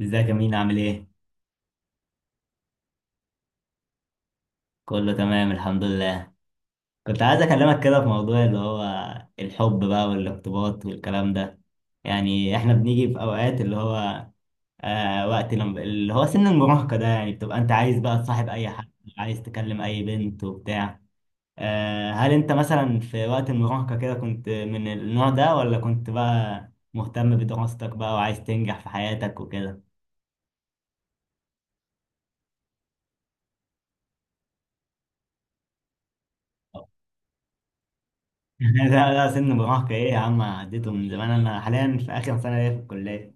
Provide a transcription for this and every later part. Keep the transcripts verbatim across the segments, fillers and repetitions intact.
ازيك يا مين، عامل ايه؟ كله تمام، الحمد لله. كنت عايز اكلمك كده في موضوع اللي هو الحب بقى والارتباط والكلام ده. يعني احنا بنيجي في اوقات اللي هو آه وقت لما اللي هو سن المراهقة ده، يعني بتبقى انت عايز بقى تصاحب اي حد، عايز تكلم اي بنت وبتاع. آه هل انت مثلا في وقت المراهقة كده كنت من النوع ده، ولا كنت بقى مهتم بدراستك بقى وعايز تنجح في حياتك وكده؟ لا لا، سن المراهقة ايه يا عم؟ عديته من زمان. انا حاليا في اخر سنة ليا في الكلية.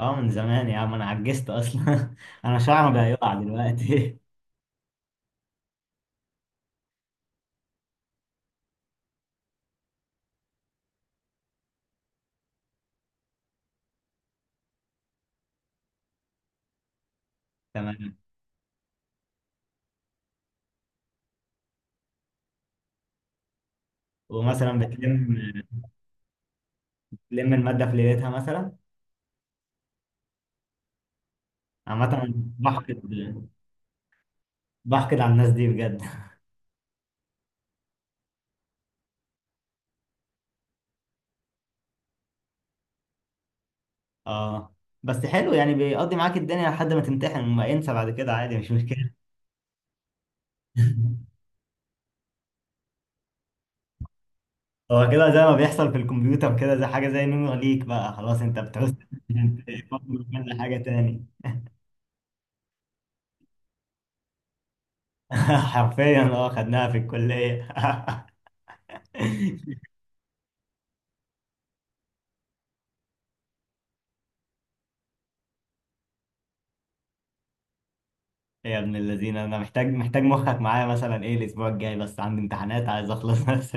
اه، من زمان يا عم، انا عجزت اصلا. انا شعري بقى يقع دلوقتي. تمام. ومثلا بتلم بتلم المادة في ليلتها مثلا. عامة أنا بحقد بحقد على الناس دي بجد. اه، بس حلو، يعني بيقضي معاك الدنيا لحد ما تمتحن، وما انسى بعد كده عادي، مش مشكلة. هو كده زي ما بيحصل في الكمبيوتر كده، زي حاجة زي نور ليك بقى خلاص، انت بتعوز تعمل حاجة تاني. حرفيا اه، خدناها في الكلية. يا ابن الذين، انا محتاج محتاج مخك معايا، مثلا ايه الاسبوع الجاي، بس عندي امتحانات عايز اخلص بس.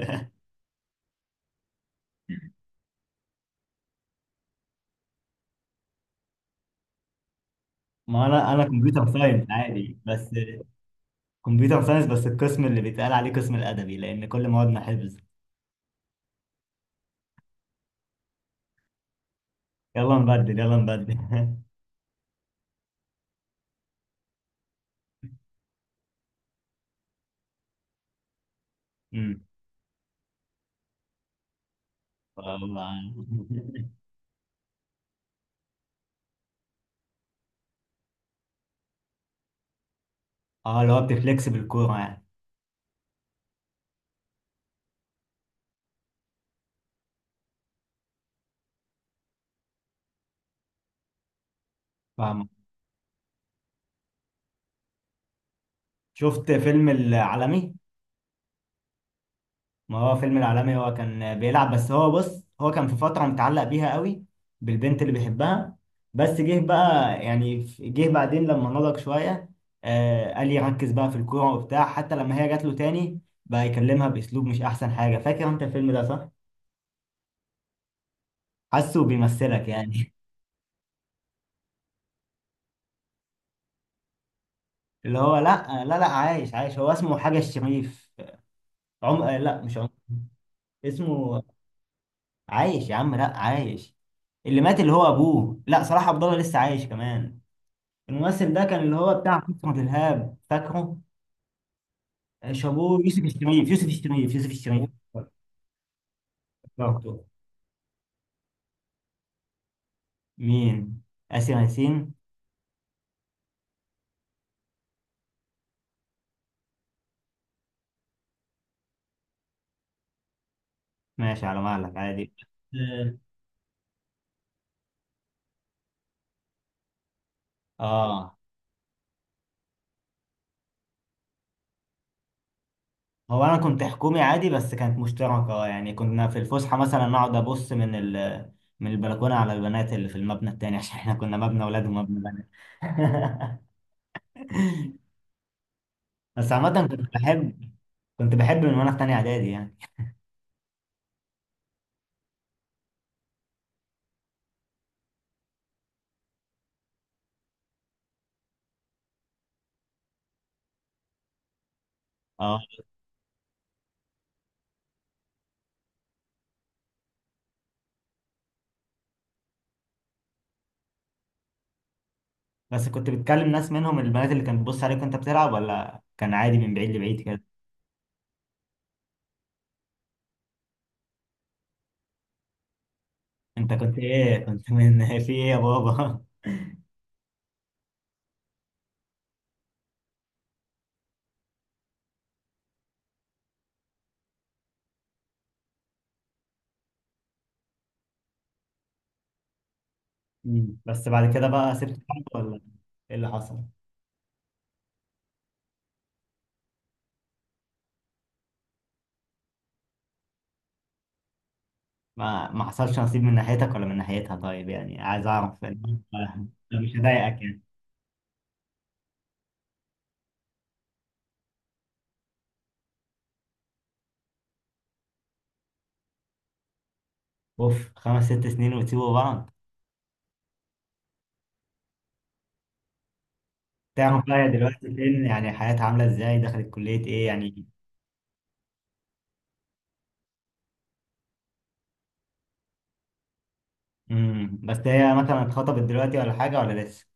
ما انا انا كمبيوتر ساينس عادي، بس كمبيوتر ساينس، بس القسم اللي بيتقال عليه قسم الادبي لان كل موادنا حفظ. يلا نبدل يلا نبدل. امم. والله. اه، اللي هو بتفليكس بالكورة يعني. فاهم، شفت فيلم العالمي؟ ما هو فيلم العالمي، هو كان بيلعب، بس هو بص، هو كان في فترة متعلق بيها قوي بالبنت اللي بيحبها. بس جه بقى، يعني جه بعدين لما نضج شوية. آه قال لي ركز بقى في الكورة وبتاع، حتى لما هي جات له تاني بقى يكلمها بأسلوب مش أحسن حاجة. فاكر أنت الفيلم ده صح؟ حاسه بيمثلك يعني. اللي هو لا لا لا، عايش عايش، هو اسمه حاجة الشريف. عم آه، لا، مش عم. اسمه عايش يا عم، لا، عايش. اللي مات اللي هو أبوه، لا، صلاح عبد الله لسه عايش كمان. الممثل ده كان اللي هو بتاع فكرة الإرهاب، فاكره؟ آه، شابوه، يوسف الشريف يوسف الشريف يوسف الشريف. برضه. مين؟ آسر ياسين. ماشي، على مهلك عادي. اه. آه. هو انا كنت حكومي عادي، بس كانت مشتركة آه، يعني كنا في الفسحة مثلا نقعد ابص من ال من البلكونة على البنات اللي في المبنى التاني، عشان احنا كنا مبنى اولاد ومبنى بنات. بس عامة كنت بحب كنت بحب من وانا في تانية اعدادي يعني. اه، بس كنت بتكلم ناس منهم البنات اللي كانت بتبص عليك وانت بتلعب، ولا كان عادي من بعيد لبعيد كده؟ انت كنت ايه، كنت من في ايه يا بابا؟ مم. بس بعد كده بقى سبت اللعب، ولا ايه اللي حصل؟ ما ما حصلش نصيب من ناحيتك ولا من ناحيتها؟ طيب، يعني عايز اعرف انا، مش هضايقك يعني. اوف، خمس ست سنين وتسيبوا بعض؟ تعرف بقى هي دلوقتي فين، يعني حياتها عامله ازاي، دخلت كليه ايه يعني؟ امم بس هي مثلا اتخطبت دلوقتي ولا حاجه ولا لسه؟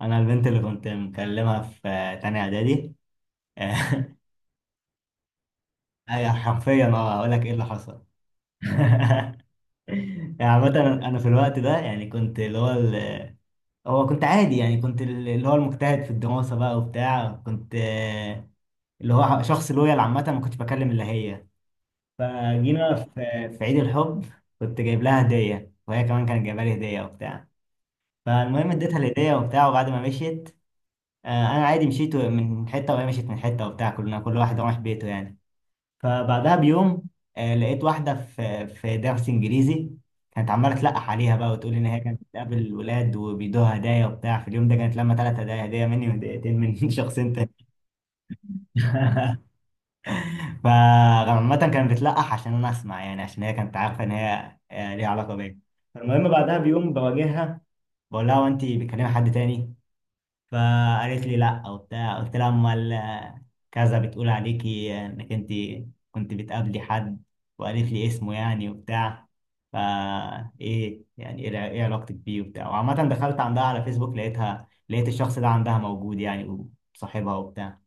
انا البنت اللي كنت مكلمها في تانية اعدادي. اي حرفيا، اه اقول لك ايه اللي حصل. يعني عامة انا أنا في الوقت ده يعني كنت اللي هو ال- هو كنت عادي، يعني كنت اللي هو المجتهد في الدراسة بقى وبتاع كنت آه، اللي هو شخص لويال عامة، ما كنتش بكلم الا هي. فجينا في في عيد الحب. كنت جايب لها هدية، وهي كمان كانت جايبة لي هدية وبتاع. فالمهم اديتها الهدية وبتاع، وبعد ما مشيت آه، انا عادي مشيت من حتة، وهي مشيت من حتة وبتاع، كلنا كل واحد راح بيته يعني. فبعدها بيوم آه، لقيت واحدة في في درس إنجليزي كانت عمالة تلقح عليها بقى، وتقول إن هي كانت بتقابل الولاد وبيدوها هدايا وبتاع، في اليوم ده كانت لما ثلاث هدايا، هدية مني وهديتين من شخصين تاني. فعامة كانت بتلقح عشان أنا أسمع، يعني عشان هي كانت عارفة إن هي آه، ليها علاقة بيا. فالمهم بعدها بيوم بواجهها، بقول لها هو أنت بتكلمي حد تاني؟ فقالت لي لا وبتاع. قلت لها امال آه، كذا بتقول عليكي آه، انك انت كنت بتقابلي حد. وقالت لي اسمه يعني وبتاع. فا ايه يعني ايه الع- إيه علاقتك بيه وبتاع. وعامة دخلت عندها على فيسبوك لقيتها، لقيت الشخص ده عندها موجود يعني، وصاحبها وبتاع.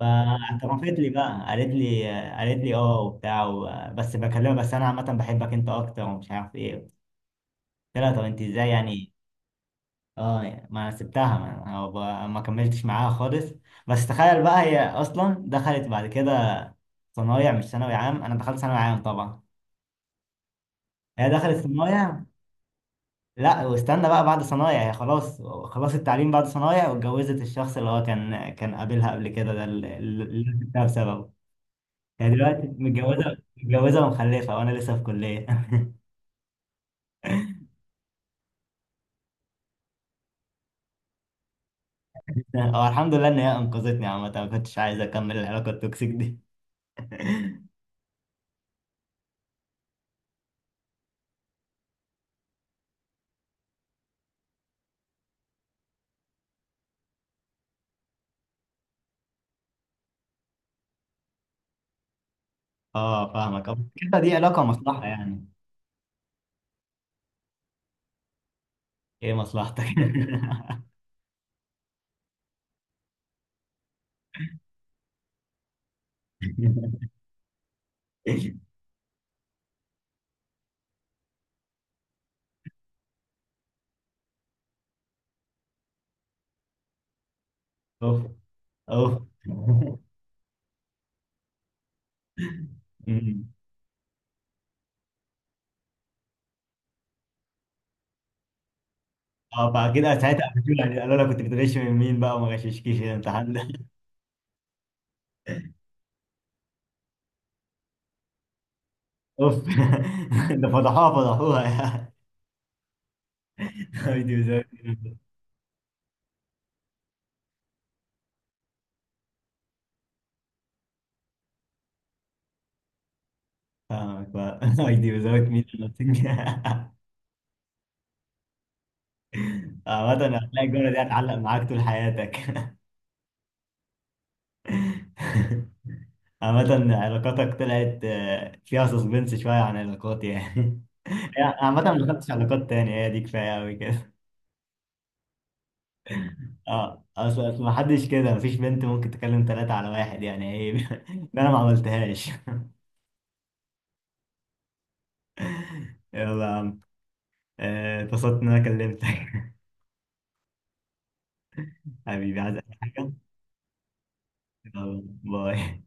فاعترفت لي بقى، قالت لي آه، قالت لي اه وبتاع و- آه، بس بكلمها، بس انا عامة بحبك انت اكتر، ومش عارف ايه. قلت لها طب انت ازاي يعني؟ اه، ما سبتها، ما هو ب- ما كملتش معاها خالص. بس تخيل بقى، هي اصلا دخلت بعد كده صنايع مش ثانوي عام، انا دخلت ثانوي عام طبعا، هي دخلت صنايع. لا، واستنى بقى، بعد صنايع هي خلاص، خلاص التعليم بعد صنايع، واتجوزت الشخص اللي هو كان كان قابلها قبل كده، ده اللي اللي أنا سبتها بسببه. هي دلوقتي متجوزه متجوزه ومخلفه، وانا لسه في كليه. هو الحمد لله ان هي انقذتني، عامه ما كنتش عايز اكمل العلاقه التوكسيك دي. اه، فاهمك أه، كده دي علاقه مصلحه يعني. ايه مصلحتك؟ اوف. اوف. أمم. اه، بعد كده ساعتها قفشوني، يعني قالوا لك كنت بتغش من مين بقى، وما غششكيش إيه الامتحان ده؟ اوف. ده فضحوها فضحوها يعني. ايدي وزوجت مين. فاهمك بقى. ايدي وزوجت مين. اللي بتنجح؟ عامة هتلاقي الجملة دي هتعلق معاك طول حياتك. عامة علاقاتك طلعت آه، فيها سسبنس شوية عن علاقاتي يعني. عامة ما دخلتش علاقات تانية، هي دي كفاية أوي كده. اه، اصل ما حدش كده، مفيش بنت ممكن تكلم ثلاثة على واحد، يعني ايه؟ ده انا ما عملتهاش. يلا يا عم. آه، اتبسطت ان انا كلمتك. حبيبي، عايز اي حاجة؟ يلا باي.